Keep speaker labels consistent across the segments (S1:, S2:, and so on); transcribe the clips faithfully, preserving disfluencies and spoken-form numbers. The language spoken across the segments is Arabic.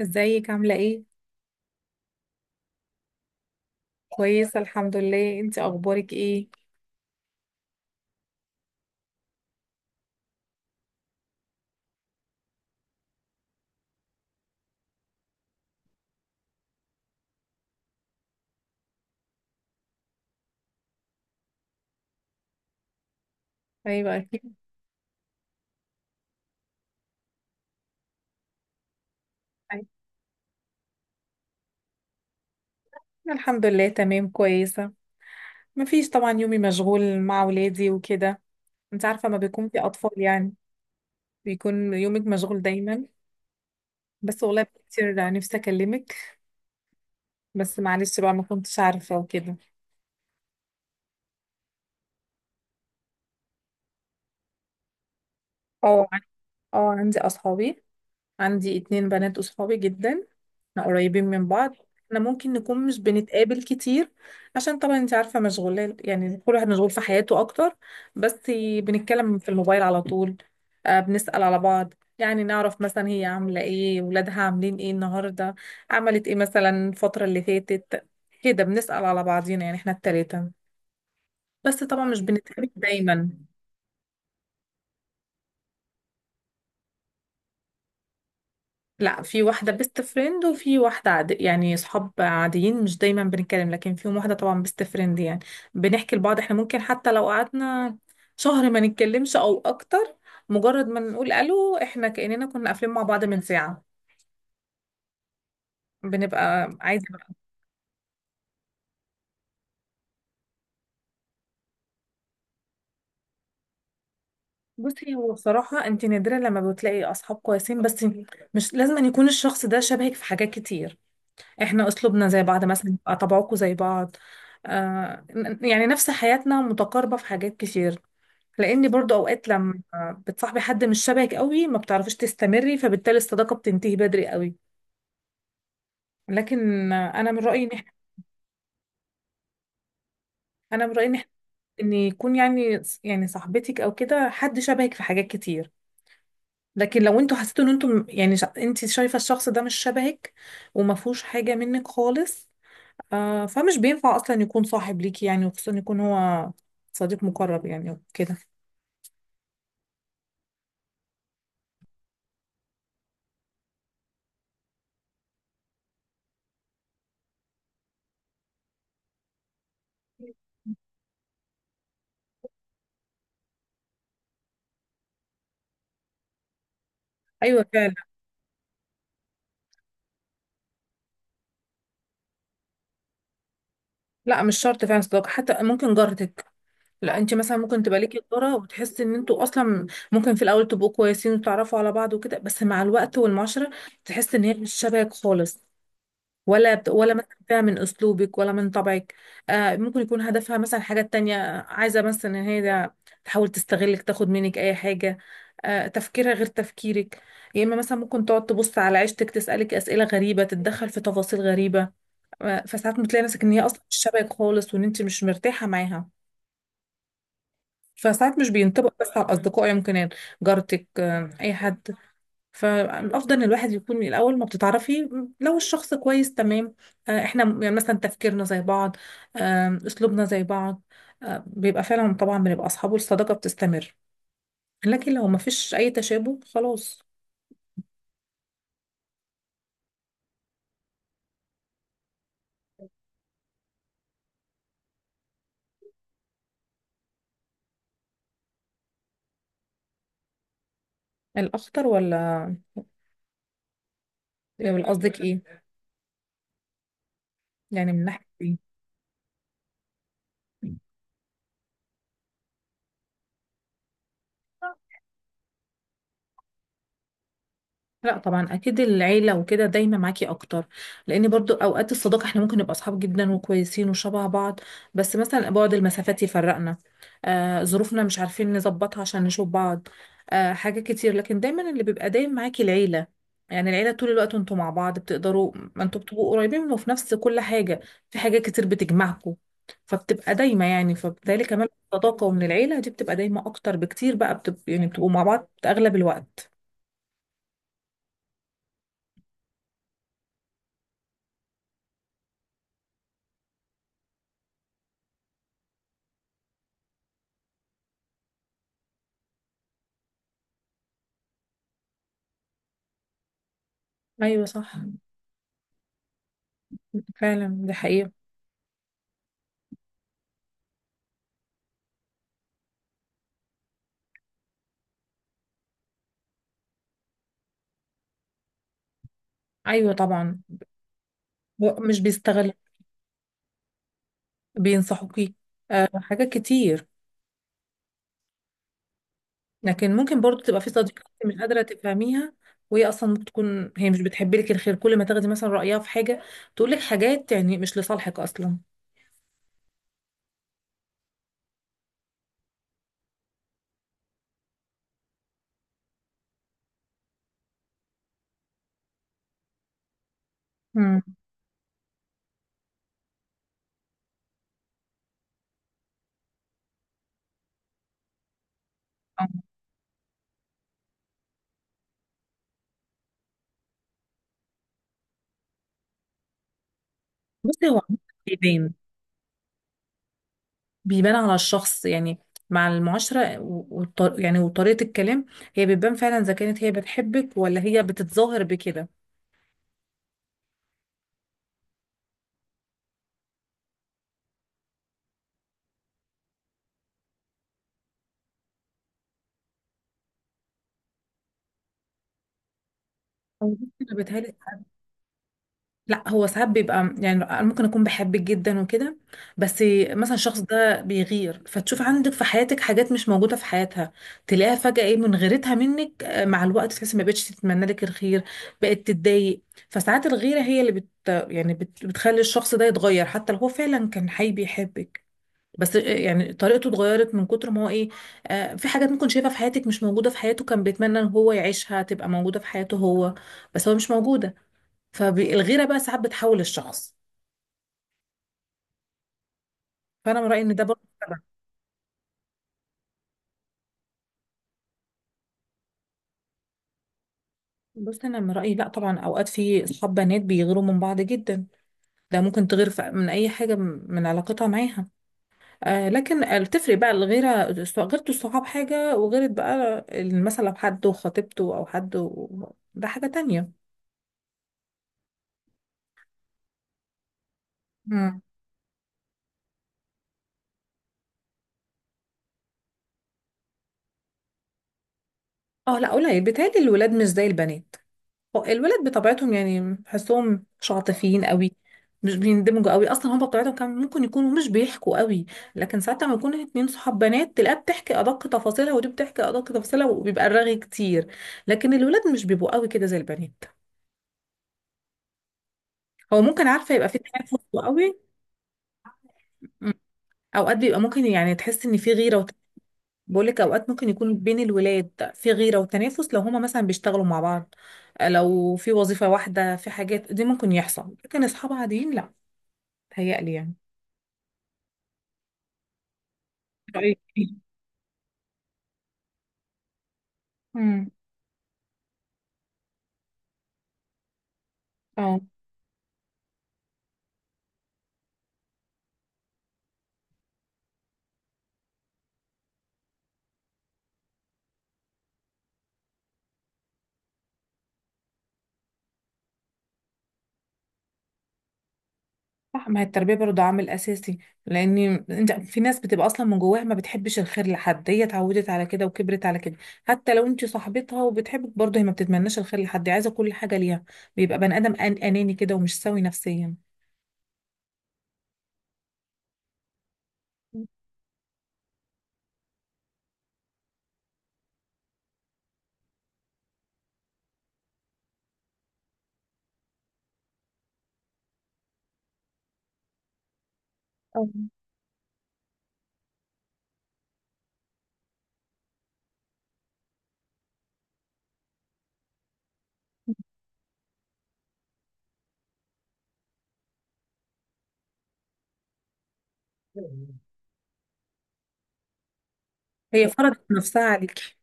S1: ازيك عاملة ايه؟ كويسة الحمد لله، انت اخبارك ايه؟ ايوه اكيد. أيوة. الحمد لله تمام كويسة. مفيش طبعا، يومي مشغول مع ولادي وكده. انت عارفة ما بيكون في اطفال يعني بيكون يومك مشغول دايما. بس والله كتير نفسي اكلمك، بس معلش بقى ما كنتش عارفة وكده. اه. اه عندي اصحابي، عندي اتنين بنات أصحابي جدا، احنا قريبين من بعض. احنا ممكن نكون مش بنتقابل كتير عشان طبعا انت عارفة مشغولة، يعني كل واحد مشغول في حياته أكتر، بس بنتكلم في الموبايل على طول. آه بنسأل على بعض، يعني نعرف مثلا هي عاملة ايه، ولادها عاملين ايه النهاردة، عملت ايه مثلا الفترة اللي فاتت. كده بنسأل على بعضينا، يعني احنا التلاتة. بس طبعا مش بنتقابل دايما. لا، في واحدة بيست فريند وفي واحدة عاد... يعني صحاب عاديين مش دايما بنتكلم، لكن فيهم واحدة طبعا بيست فريند يعني بنحكي لبعض. احنا ممكن حتى لو قعدنا شهر ما نتكلمش او اكتر، مجرد ما نقول الو احنا كأننا كنا قافلين مع بعض من ساعة. بنبقى عايزة بقى. بصي، هو بصراحة انت نادرا لما بتلاقي اصحاب كويسين، بس مش لازم أن يكون الشخص ده شبهك في حاجات كتير. احنا اسلوبنا زي بعض مثلا، يبقى طبعكم زي بعض. آه، يعني نفس حياتنا متقاربة في حاجات كتير، لان برضو اوقات لما بتصاحبي حد مش شبهك قوي ما بتعرفيش تستمري، فبالتالي الصداقه بتنتهي بدري قوي. لكن انا من رايي ان إحنا- انا من رايي ان إحنا- ان يكون يعني يعني صاحبتك او كده حد شبهك في حاجات كتير. لكن لو انتوا حسيتوا ان انتوا يعني شا- انت شايفه الشخص ده مش شبهك وما فيهوش حاجه منك خالص، آه، فمش بينفع اصلا يكون صاحب ليكي، يعني وخصوصا يكون هو صديق مقرب يعني كده. ايوه فعلا. لا مش شرط فعلا صداقه، حتى ممكن جارتك. لا انت مثلا ممكن تبقى ليكي تجاره وتحسي ان انتوا اصلا ممكن في الاول تبقوا كويسين وتتعرفوا على بعض وكده، بس مع الوقت والمعاشره تحس ان هي مش شبهك خالص، ولا بت... ولا مثلا فيها من اسلوبك ولا من طبعك. آه ممكن يكون هدفها مثلا حاجه تانية، عايزه مثلا ان هي ده- تحاول تستغلك، تاخد منك اي حاجه، آه تفكيرها غير تفكيرك. يا اما مثلا ممكن تقعد تبص على عيشتك، تسالك اسئله غريبه، تتدخل في تفاصيل غريبه. آه فساعات بتلاقي نفسك ان هي اصلا مش شبهك خالص وان انت مش مرتاحه معاها. فساعات مش بينطبق بس على الأصدقاء يمكن، يعني جارتك، آه، أي حد. فالأفضل إن الواحد يكون من الأول ما بتتعرفي، لو الشخص كويس تمام، آه، إحنا م- يعني مثلا تفكيرنا زي بعض، آه، أسلوبنا زي بعض، آه، بيبقى فعلا طبعا بنبقى أصحاب والصداقة بتستمر. لكن لو ما فيش أي تشابه خلاص. الأخطر ولا، ولا قصدك إيه، يعني من ناحية إيه. لا طبعا اكيد العيله وكده دايما معاكي اكتر، لان برضو اوقات الصداقه احنا ممكن نبقى اصحاب جدا وكويسين وشبه بعض، بس مثلا بعد المسافات يفرقنا، آه ظروفنا مش عارفين نظبطها عشان نشوف بعض، آه حاجه كتير. لكن دايما اللي بيبقى دايما معاكي العيله، يعني العيله طول الوقت انتوا مع بعض، بتقدروا ما انتوا بتبقوا قريبين وفي نفس كل حاجه، في حاجه كتير بتجمعكم، فبتبقى دايما يعني، فبالتالي كمان الصداقه ومن العيله دي بتبقى دايما اكتر بكتير بقى بتب... يعني بتبقوا مع بعض اغلب الوقت. ايوه صح. فعلا دي حقيقة. أيوة طبعا، هو مش بيستغل، بينصحوكي، أه حاجات كتير. لكن ممكن برضو تبقى في صديقة انت مش قادرة تفهميها، وهي أصلا ممكن تكون هي مش بتحب لك الخير، كل ما تاخدي مثلا رأيها في حاجة تقول لك حاجات يعني مش لصالحك أصلا. امم. بصي هو عموماً بيبان، بيبان على الشخص يعني، مع المعاشرة و- والط... يعني وطريقة الكلام هي بتبان فعلا إذا كانت هي بتحبك ولا هي بتتظاهر بكده. أو بصي، أنا بتهيألي لا، هو ساعات بيبقى يعني أنا ممكن اكون بحبك جدا وكده، بس مثلا الشخص ده بيغير، فتشوف عندك في حياتك حاجات مش موجوده في حياتها، تلاقيها فجاه ايه من غيرتها منك، آه، مع الوقت تحسي ما بقتش تتمنى لك الخير، بقت تتضايق. فساعات الغيره هي اللي بت يعني بت... بتخلي الشخص ده يتغير، حتى لو هو فعلا كان حي بيحبك، بس آه، يعني طريقته اتغيرت من كتر ما هو ايه، آه، في حاجات ممكن شايفها في حياتك مش موجوده في حياته، كان بيتمنى ان هو يعيشها تبقى موجوده في حياته هو، بس هو مش موجوده. فالغيره بقى ساعات بتحول الشخص. فانا من رايي ان ده برضه سبب. بص انا من رايي لا طبعا، اوقات في اصحاب بنات بيغيروا من بعض جدا، ده ممكن تغير ف- من اي حاجه م- من علاقتها معاها. آه لكن آه، بتفرق بقى الغيره، غيرت الصحاب حاجه، وغيرت بقى مثلا لو حد وخطيبته او حد و... ده حاجه تانية. مم. اه لا قليل، بيتهيألي الولاد مش زي البنات. هو الولاد بطبيعتهم يعني بحسهم مش عاطفيين قوي، مش بيندمجوا قوي اصلا، هم بطبيعتهم كان ممكن يكونوا مش بيحكوا قوي. لكن ساعات لما يكون اتنين صحاب بنات، تلاقيها بتحكي ادق تفاصيلها، ودي بتحكي ادق تفاصيلها، وبيبقى الرغي كتير. لكن الولاد مش بيبقوا قوي كده زي البنات. هو ممكن عارفه يبقى في تنافس قوي. م. اوقات بيبقى ممكن يعني تحس ان في غيره وت... بقولك اوقات ممكن يكون بين الولاد في غيره وتنافس لو هما مثلا بيشتغلوا مع بعض، لو في وظيفه واحده في حاجات دي ممكن يحصل، لكن اصحاب عاديين لا، تهيألي يعني. رأيك إيه؟ امم. اه صح، ما هي التربية برضه عامل أساسي، لأن أنت في ناس بتبقى أصلا من جواها ما بتحبش الخير لحد، هي اتعودت على كده وكبرت على كده. حتى لو أنت صاحبتها وبتحبك، برضه هي ما بتتمناش الخير لحد، عايزة كل حاجة ليها، بيبقى بني آدم أن- أناني كده ومش سوي نفسيا. أو. هي فرضت نفسها عليكي.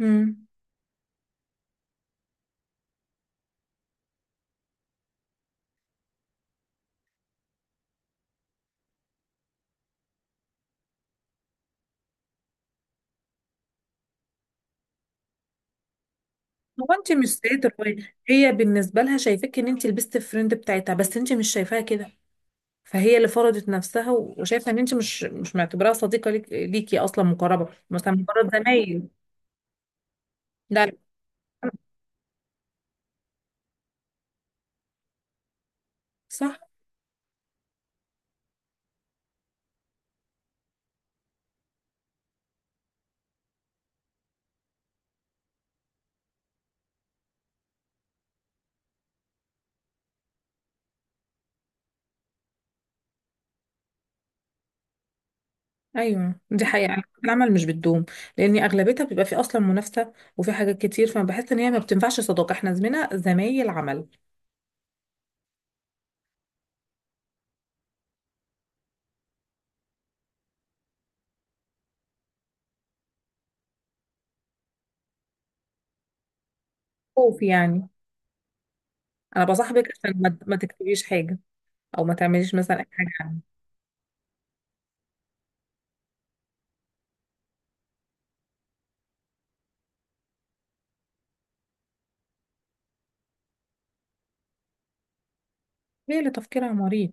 S1: امم. هو أنت مش سيد الرواية، هي بالنسبة لها شايفاك إن أنت لبست الفريند بتاعتها، بس أنت مش شايفاها كده. فهي اللي فرضت نفسها و- وشايفه ان انت مش مش معتبراها صديقه ليك ليكي اصلا مقربه، مثلا مجرد زمايل. لا لا. صح. ايوه دي حقيقه، على فكرة العمل مش بتدوم، لان اغلبيتها بيبقى في اصلا منافسه وفي حاجات كتير، فانا بحس ان هي ما بتنفعش صداقه، احنا زمينا زمايل عمل. خوف يعني، انا بصاحبك عشان ما ما تكتبيش حاجه، او ما تعمليش مثلا اي حاجه عني. هي اللي تفكيرها مريض.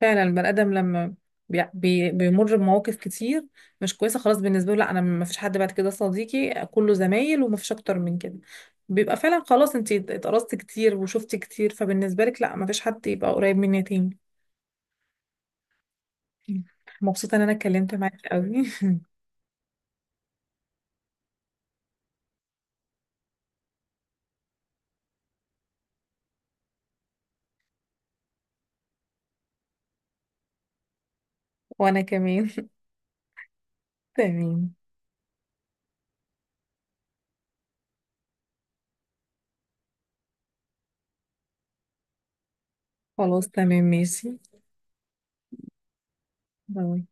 S1: فعلا البني ادم لما بي- بي- بيمر بمواقف كتير مش كويسه، خلاص بالنسبه له لا انا ما فيش حد بعد كده صديقي، كله زمايل وما فيش اكتر من كده. بيبقى فعلا خلاص انت اتقرصت كتير وشفت كتير، فبالنسبه لك لا، ما فيش حد يبقى قريب مني تاني. مبسوطه ان انا اتكلمت معاك قوي. وانا كمان. تمام. خلاص تمام ماشي. باي.